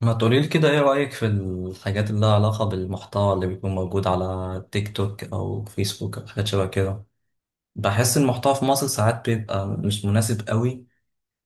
ما تقولي لي كده، ايه رأيك في الحاجات اللي لها علاقة بالمحتوى اللي بيكون موجود على تيك توك او فيسبوك او حاجات شبه كده؟ بحس المحتوى في مصر ساعات بيبقى مش مناسب قوي،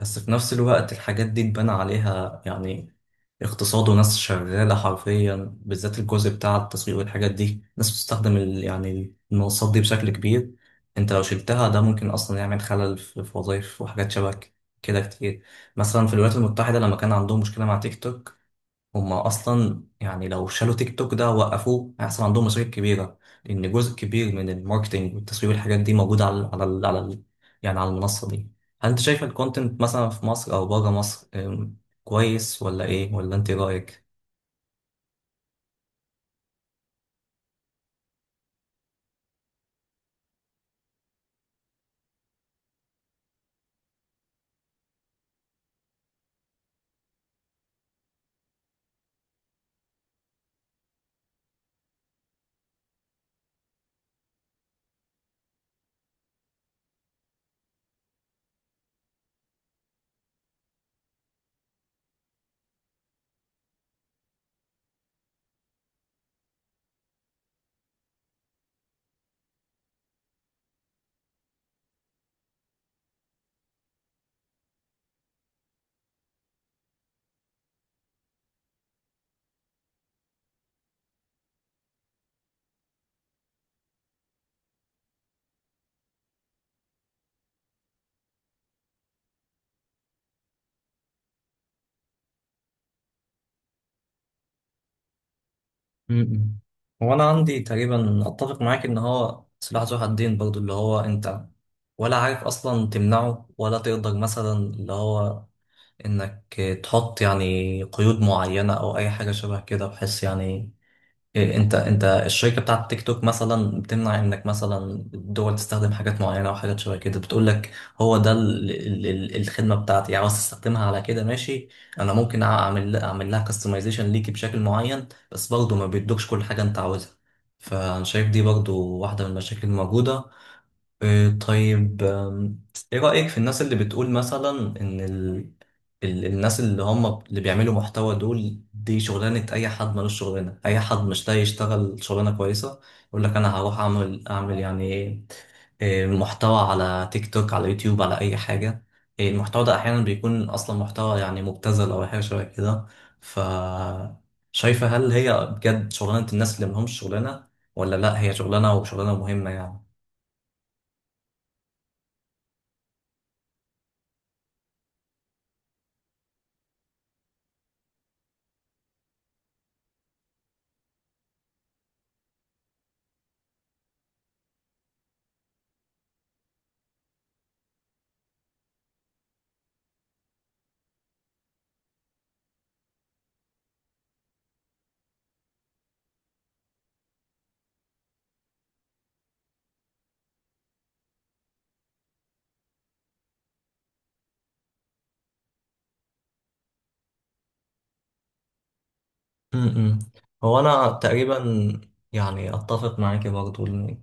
بس في نفس الوقت الحاجات دي تبان عليها، يعني اقتصاد وناس شغالة حرفيا، بالذات الجزء بتاع التسويق والحاجات دي ناس بتستخدم المنصات دي بشكل كبير. انت لو شلتها ده ممكن اصلا يعمل خلل في وظائف وحاجات شبه كده كتير. مثلا في الولايات المتحدة لما كان عندهم مشكلة مع تيك توك، هما اصلا يعني لو شالوا تيك توك ده وقفوه هيحصل عندهم مشاكل كبيره، لان جزء كبير من الماركتينج والتسويق والحاجات دي موجوده على ال على ال على ال يعني على المنصه دي. هل انت شايف الكونتنت مثلا في مصر او بره مصر كويس ولا ايه، ولا انت إيه رايك؟ م-م. هو انا عندي تقريبا اتفق معاك ان هو سلاح ذو حدين، برضو اللي هو انت ولا عارف اصلا تمنعه ولا تقدر، مثلا اللي هو انك تحط يعني قيود معينة او اي حاجة شبه كده بحيث يعني إيه. انت الشركه بتاعت تيك توك مثلا بتمنع انك مثلا الدول تستخدم حاجات معينه او حاجات شبه كده، بتقول لك هو ده ال ال ال الخدمه بتاعتي، يعني عاوز تستخدمها على كده ماشي، انا ممكن اعمل لها كاستمايزيشن ليكي بشكل معين، بس برضه ما بيدوكش كل حاجه انت عاوزها. فانا شايف دي برضه واحده من المشاكل الموجوده. إيه طيب، ايه رأيك في الناس اللي بتقول مثلا ان الناس اللي هم اللي بيعملوا محتوى دول، دي شغلانة اي حد ملوش شغلانة، اي حد مش لاقي يشتغل شغلانة كويسة يقول لك انا هروح اعمل يعني ايه، إيه، محتوى على تيك توك، على يوتيوب، على اي حاجة، إيه، المحتوى ده احيانا بيكون اصلا محتوى يعني مبتذل او حاجة شبه كده. ف شايفة هل هي بجد شغلانة الناس اللي ملهمش شغلانة، ولا لا هي شغلانة وشغلانة مهمة يعني؟ م-م. هو انا تقريبا يعني اتفق معاك برضو ان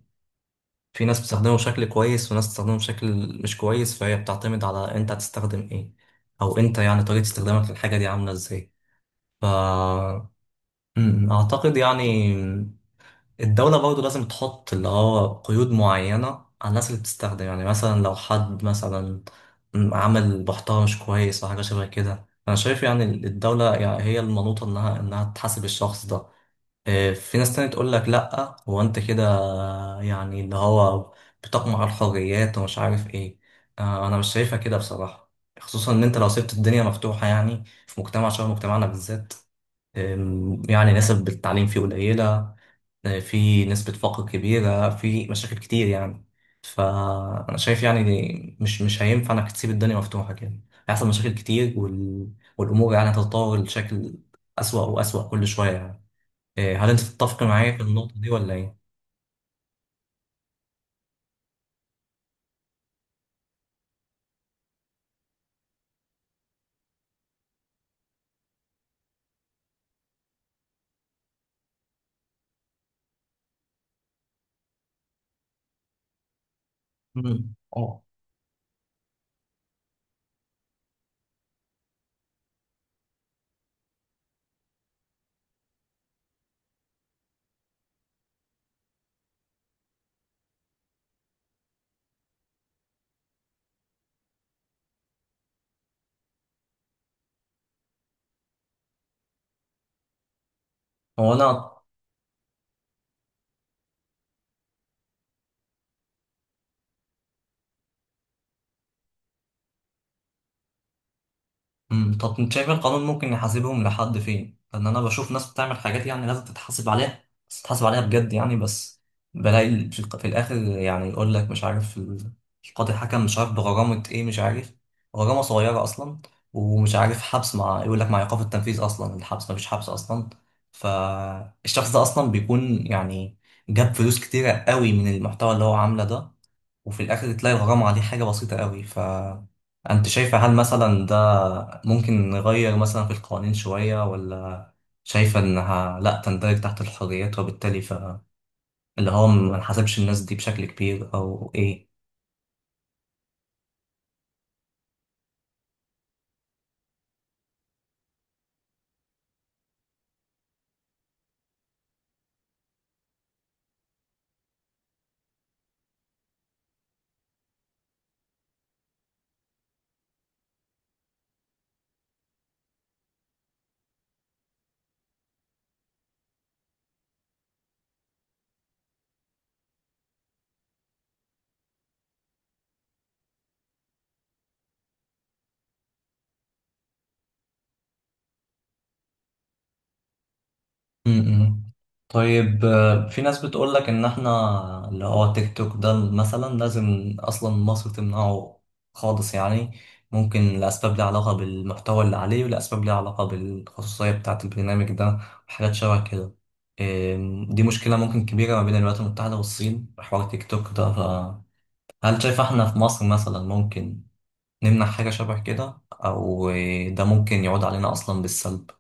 في ناس بتستخدمه بشكل كويس وناس بتستخدمه بشكل مش كويس، فهي بتعتمد على انت هتستخدم ايه، او انت يعني طريقة استخدامك للحاجة دي عاملة ازاي. ف م-م. اعتقد يعني الدولة برضو لازم تحط اللي هو قيود معينة على الناس اللي بتستخدم، يعني مثلا لو حد مثلا عمل محتوى مش كويس او حاجة شبه كده، انا شايف يعني الدولة يعني هي المنوطة انها تحاسب الشخص ده. في ناس تانية تقول لك لأ هو أنت كده يعني اللي هو بتقمع الحريات ومش عارف إيه. أنا مش شايفها كده بصراحة، خصوصا إن أنت لو سبت الدنيا مفتوحة، يعني في مجتمع شبه مجتمعنا بالذات، يعني نسب التعليم فيه قليلة، في نسبة فقر كبيرة، في مشاكل كتير يعني. فأنا شايف يعني مش هينفع إنك تسيب الدنيا مفتوحة كده، هيحصل مشاكل كتير، والأمور يعني هتتطور لشكل أسوأ وأسوأ كل شوية يعني. إيه، هل انت تتفق معايا في النقطة دي ولا ايه؟ مم. اه. هو انا. مم. طب انت شايف إيه القانون ممكن يحاسبهم لحد فين؟ لان انا بشوف ناس بتعمل حاجات يعني لازم تتحاسب عليها، بس تتحاسب عليها بجد يعني. بس بلاقي في في الاخر يعني يقول لك مش عارف القاضي حكم مش عارف بغرامة ايه، مش عارف، غرامة صغيرة اصلا، ومش عارف حبس، مع يقول لك مع ايقاف التنفيذ، اصلا الحبس مفيش حبس اصلا. فالشخص ده اصلا بيكون يعني جاب فلوس كتيرة قوي من المحتوى اللي هو عامله ده، وفي الاخر تلاقي الغرامة دي حاجة بسيطة قوي. فانت شايفة هل مثلا ده ممكن نغير مثلا في القوانين شوية، ولا شايفة انها لا تندرج تحت الحريات وبالتالي فاللي هو ما نحاسبش الناس دي بشكل كبير، او ايه؟ امم. طيب في ناس بتقول لك ان احنا اللي هو تيك توك ده مثلا لازم اصلا مصر تمنعه خالص يعني، ممكن لاسباب ليها علاقه بالمحتوى اللي عليه، ولاسباب ليها علاقه بالخصوصيه بتاعه البرنامج ده وحاجات شبه كده. دي مشكله ممكن كبيره ما بين الولايات المتحده والصين في حوار تيك توك ده. فهل شايف احنا في مصر مثلا ممكن نمنع حاجه شبه كده، او ده ممكن يعود علينا اصلا بالسلب؟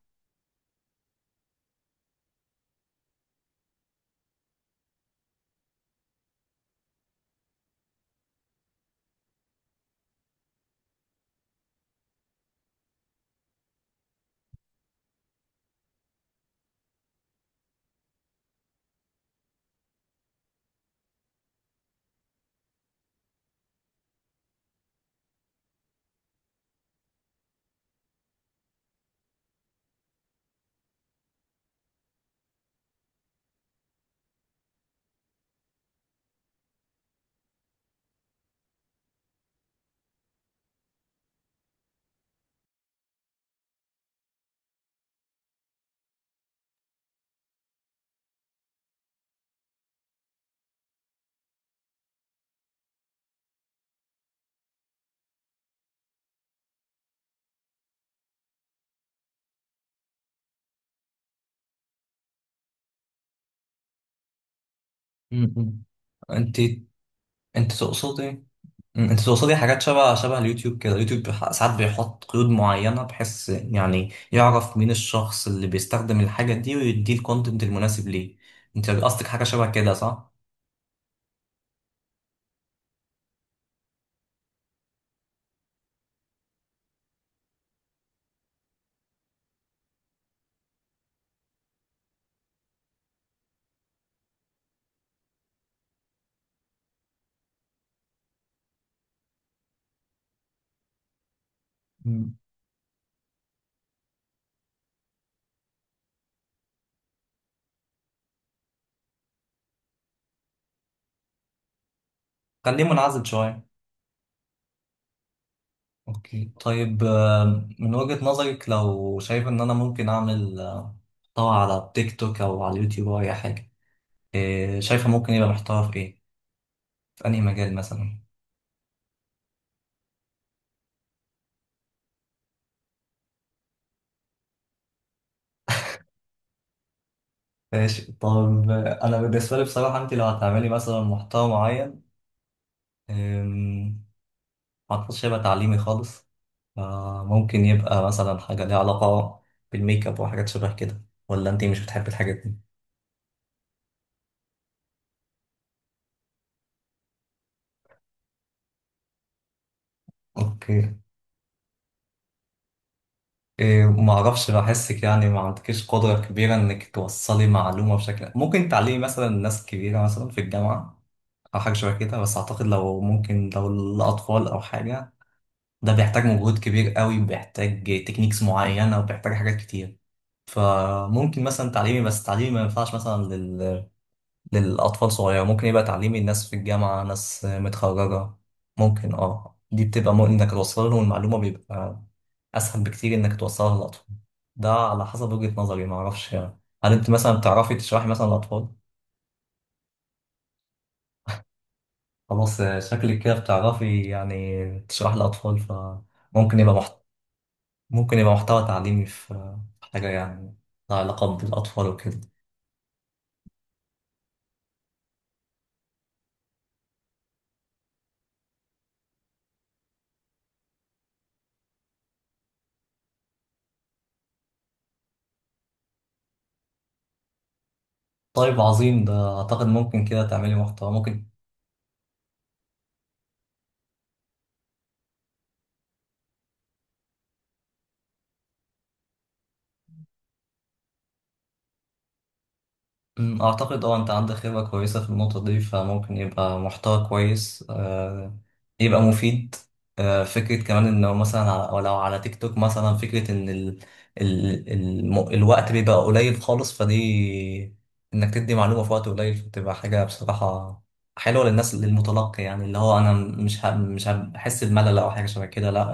مم. انت انت تقصدي، مم، انت تقصدي حاجات شبه شبه اليوتيوب كده؟ اليوتيوب ساعات بيحط قيود معينة بحيث يعني يعرف مين الشخص اللي بيستخدم الحاجة دي ويديه الكونتنت المناسب ليه. انت قصدك حاجة شبه كده صح؟ مم. خليه منعزل شوية. اوكي. طيب من وجهة نظرك لو شايف ان انا ممكن اعمل محتوى على تيك توك او على اليوتيوب او اي حاجة، شايفة ممكن يبقى محتوى في ايه؟ في انهي مجال مثلا؟ ماشي. طب انا بالنسبة لي بصراحة انت لو هتعملي مثلا محتوى معين، أم، ما أعتقدش هيبقى تعليمي خالص. ممكن يبقى مثلا حاجة ليها علاقة بالميك اب وحاجات شبه كده، ولا أنتي مش بتحبي الحاجات دي؟ أوكي. إيه، ما أعرفش بحسك يعني ما عندكيش قدرة كبيرة إنك توصلي معلومة بشكل ممكن تعلمي مثلا ناس كبيرة مثلا في الجامعة أو حاجة شبه كده، بس أعتقد لو ممكن لو الأطفال أو حاجة، ده بيحتاج مجهود كبير قوي، بيحتاج تكنيكس معينة وبيحتاج حاجات كتير. فممكن مثلا تعليمي، بس تعليمي ما ينفعش مثلا للأطفال صغيرة، ممكن يبقى تعليمي الناس في الجامعة، ناس متخرجة ممكن. اه دي بتبقى مو إنك توصل لهم المعلومة بيبقى أسهل بكتير إنك توصلها للأطفال. ده على حسب وجهة نظري، معرفش يعني هل أنت مثلا بتعرفي تشرحي مثلا للأطفال؟ خلاص شكلك كده بتعرفي يعني تشرحي للأطفال، فممكن يبقى ممكن يبقى محتوى تعليمي في في حاجة يعني لها علاقة بالأطفال وكده. طيب عظيم، ده أعتقد ممكن كده تعملي محتوى ممكن. أمم، أعتقد أه أنت عندك خبرة كويسة في النقطة دي، فممكن يبقى محتوى كويس، يبقى مفيد. فكرة كمان إنه مثلا ولو على تيك توك مثلا، فكرة إن الوقت بيبقى قليل خالص، فدي إنك تدي معلومة في وقت قليل بتبقى حاجة بصراحة حلوة للناس، للمتلقي، يعني اللي هو أنا مش هحس بملل أو حاجة شبه كده لأ.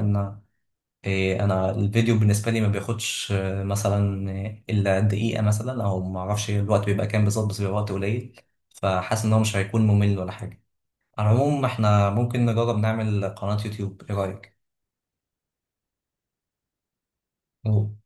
إيه، انا الفيديو بالنسبه لي ما بياخدش مثلا الا دقيقه مثلا، او ما اعرفش الوقت بيبقى كام بالظبط، بس بيبقى وقت قليل، فحاسس ان هو مش هيكون ممل ولا حاجه. على العموم احنا ممكن نجرب نعمل قناه يوتيوب، ايه رايك؟ أوه.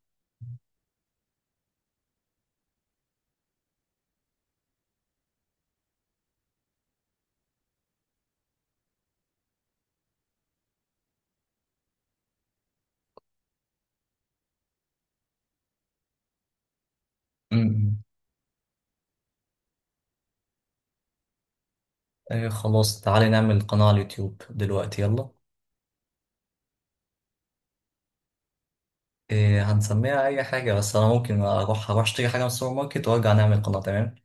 أمم. إيه خلاص، تعالي نعمل قناه على اليوتيوب دلوقتي يلا. إيه هنسميها اي حاجه، بس انا ممكن اروح اشتري حاجه من السوبر ماركت وارجع نعمل قناه، تمام.